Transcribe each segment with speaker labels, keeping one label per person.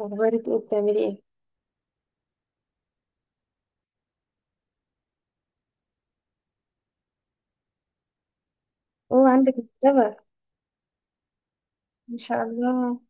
Speaker 1: اخبارك ايه؟ بتعملي ايه؟ اوه عندك مكتبة؟ ان شاء الله.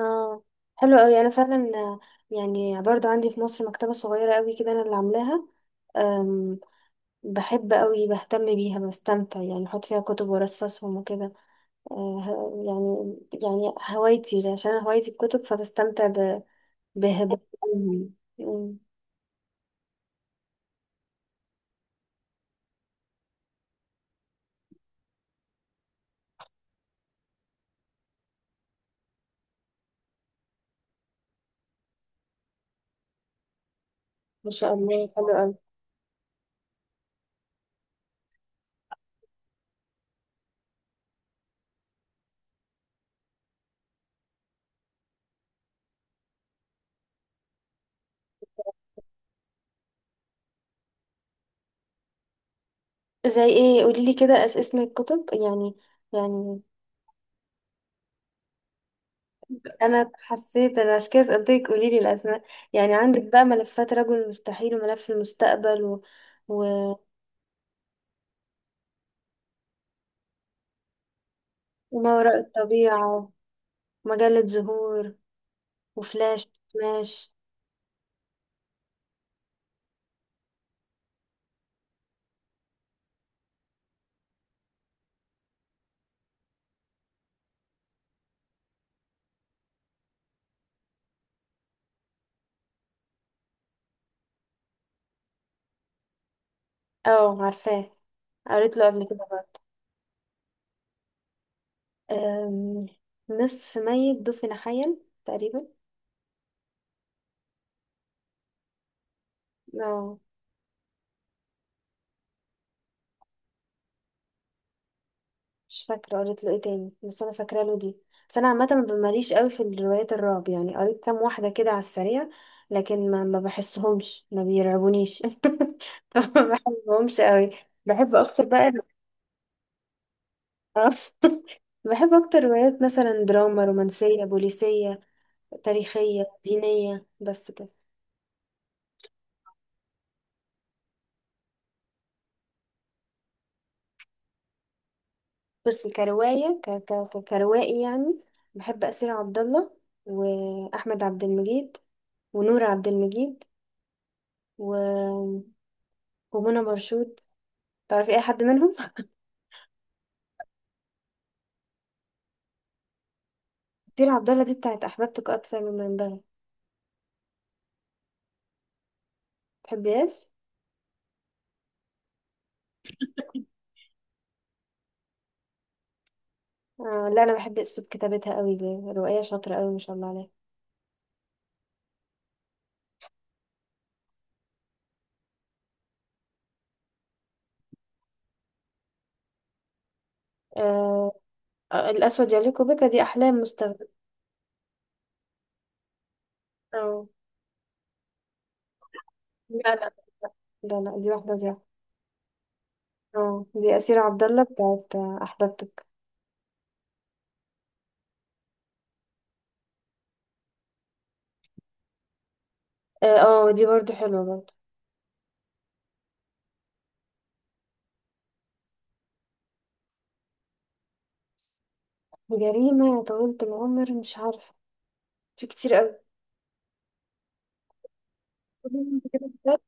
Speaker 1: اه حلو قوي. انا فعلا يعني برضو عندي في مصر مكتبة صغيرة قوي كده انا اللي عاملاها. أم بحب قوي، بهتم بيها، بستمتع، يعني بحط فيها كتب وارصصهم وكده. آه، ه- يعني يعني هوايتي ده، عشان أنا هوايتي الكتب، بهم. مم. ما شاء الله، حلو قوي. زي ايه؟ قولي لي كده، اسم الكتب يعني. يعني انا حسيت، انا عشان كده سألتك، قولي لي الاسماء يعني. عندك بقى ملفات رجل المستحيل وملف المستقبل و... و... وما وراء الطبيعة، ومجلة زهور، وفلاش، ماش. اه عارفاه، قريت له قبل كده برضه. أم... نصف ميت، دفن حيا، تقريبا. اه مش فاكرة قريت له ايه تاني، بس انا فاكرة له دي. بس انا عامة ما ماليش قوي في الروايات الرعب يعني، قريت كام واحدة كده على السريع، لكن ما بحسهمش، ما بيرعبونيش ما بحبهمش قوي. بحب اكتر بقى ال- آه. بحب اكتر روايات مثلا دراما، رومانسية، بوليسية، تاريخية، دينية، بس كده. بس كرواية ك... ك... ك- كروائي يعني، بحب أسير عبد الله، وأحمد عبد المجيد، ونور عبد المجيد، ومنى مرشود. تعرفي اي حد منهم؟ كتير عبد الله دي بتاعت احببتك اكثر مما ينبغي. تحبيهاش؟ آه لا، انا بحب اسلوب كتابتها قوي دي، روائيه شاطره قوي ما شاء الله عليها. آه. الاسود يليق بك دي احلام مستغرب. اه. لا لا لا لا دي واحده دي واحدة. اه دي اسير عبد الله بتاعت احببتك. اه دي برضو حلوه برضو. جريمه يا طويله العمر مش عارفه، في كتير قوي.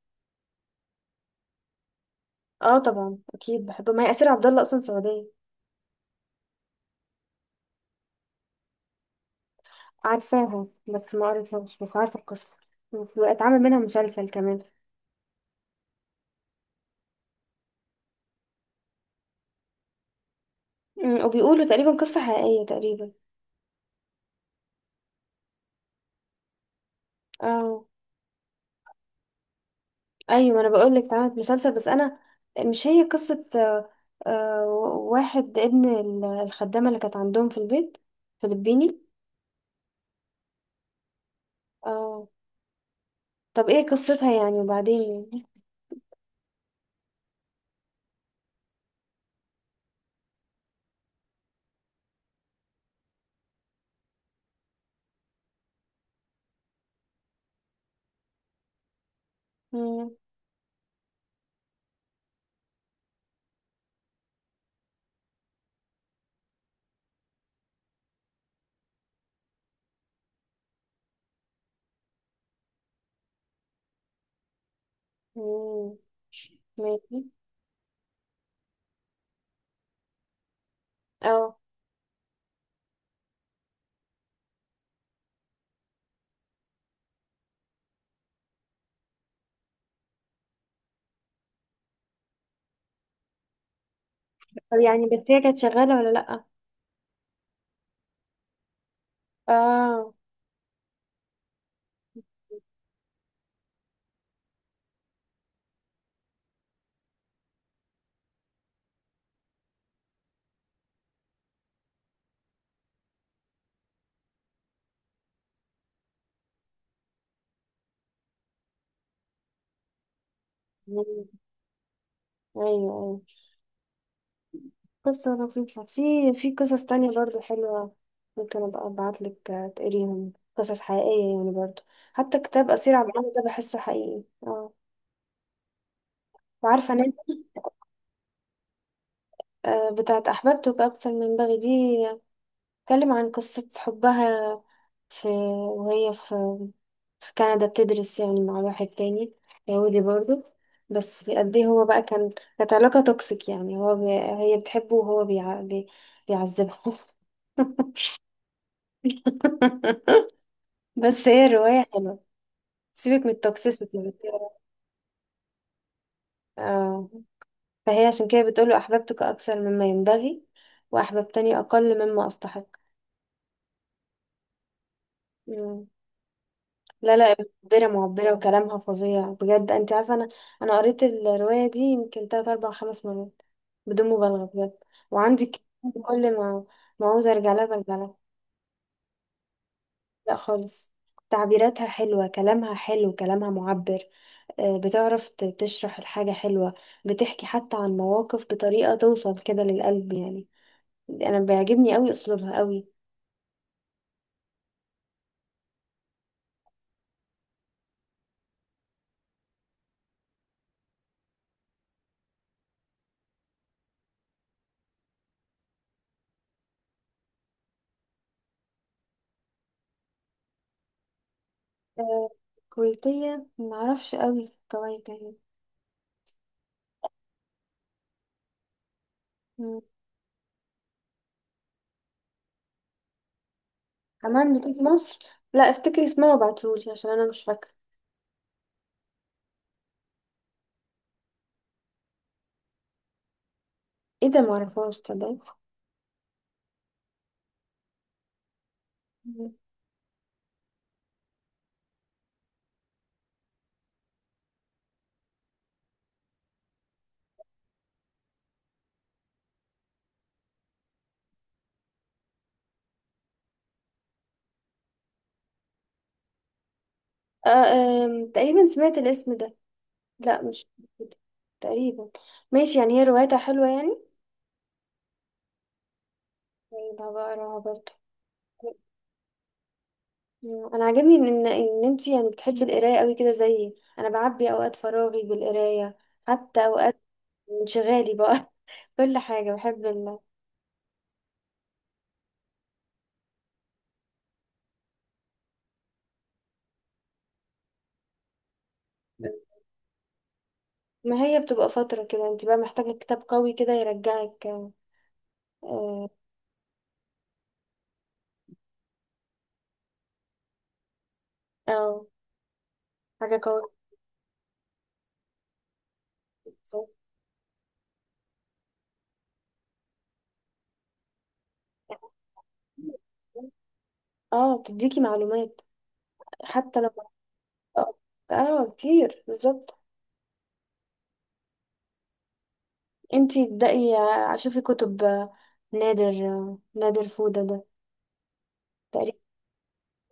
Speaker 1: اه طبعا اكيد بحبه، ما هي اسير عبد الله اصلا سعوديه. عارفاها بس ما قريتهاش، بس عارفة القصة، اتعمل منها مسلسل كمان. وبيقولوا تقريبا قصة حقيقية تقريبا. اه ايوه، ما انا بقول لك اتعملت مسلسل، بس انا مش هي قصة آه، واحد ابن الخدامة اللي كانت عندهم في البيت، فلبيني. اه طب ايه قصتها يعني وبعدين يعني؟ مم، مم، ماشي. اه طب يعني بس هي كانت شغالة ولا لأ؟ اه مم، ايوه، أيوة. قصة لطيفة. في في قصص تانية برضو حلوة، ممكن أبقى أبعتلك تقريهم، قصص حقيقية يعني برضو. حتى كتاب أسير عبد العزيز ده بحسه حقيقي، اه، وعارفة ناس. بتاعت أحببتك أكتر من بغي دي، بتتكلم عن قصة حبها في، وهي في، في كندا بتدرس يعني، مع واحد تاني يهودي برضو، بس قد ايه هو بقى كان، كانت علاقة توكسيك يعني، هو هي بتحبه، وهو بيعذبها. بس هي الرواية حلوة، سيبك من التوكسيسيتي اللي فيها. اه، فهي عشان كده بتقوله أحببتك أكثر مما ينبغي، وأحببتني أقل مما أستحق. مم. لا لا، معبرة معبرة، وكلامها فظيع بجد. أنت عارفة، أنا أنا قريت الرواية دي يمكن تلات أربع خمس مرات، بدون مبالغة بجد. وعندي ك- كل ما عاوزة أرجع لها برجع لها. لا خالص، تعبيراتها حلوة، كلامها حلو، كلامها معبر. بتعرف تشرح الحاجة حلوة، بتحكي حتى عن مواقف بطريقة توصل كده للقلب يعني، أنا بيعجبني قوي أسلوبها قوي. آه، كويتية معرفش قوي كويت يعني. مم. كمان بتيجي مصر؟ لا افتكري اسمها وابعتهولي عشان أنا مش فاكرة. ايه ده معرفهاش تصدقي. مم. آه، آم، تقريبا سمعت الاسم ده. لا مش تقريبا، ماشي يعني، هي روايتها حلوة يعني؟ طيب هبقى اقراها برضه. انا عاجبني ان ان إن انتي يعني بتحبي القرايه قوي كده زيي، انا بعبي اوقات فراغي بالقرايه، حتى اوقات انشغالي بقى. كل حاجه بحب ال... ما هي بتبقى فتره كده، انتي بقى محتاجه كتاب قوي كده يرجعك. اه آه، حاجه قويه. اه بتديكي معلومات، حتى لو، اه كتير بالظبط. انتي ابدأي شوفي كتب، نادر فودة ده.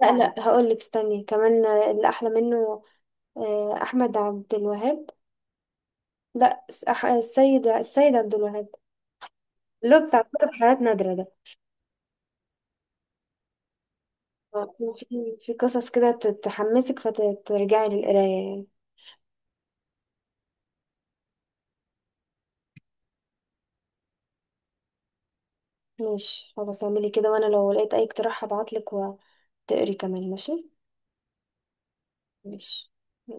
Speaker 1: لا لا هقول لك استني كمان، اللي احلى منه، آه، احمد عبد الوهاب لا س- أح- السيد السيد عبد الوهاب، اللي هو بتاع كتب حالات نادرة ده. في في قصص كده تحمسك فترجعي للقراية يعني. ماشي خلاص، اعملي كده، وانا لو لقيت اي اقتراح هبعتلك وتقري كمان، ماشي. ماشي.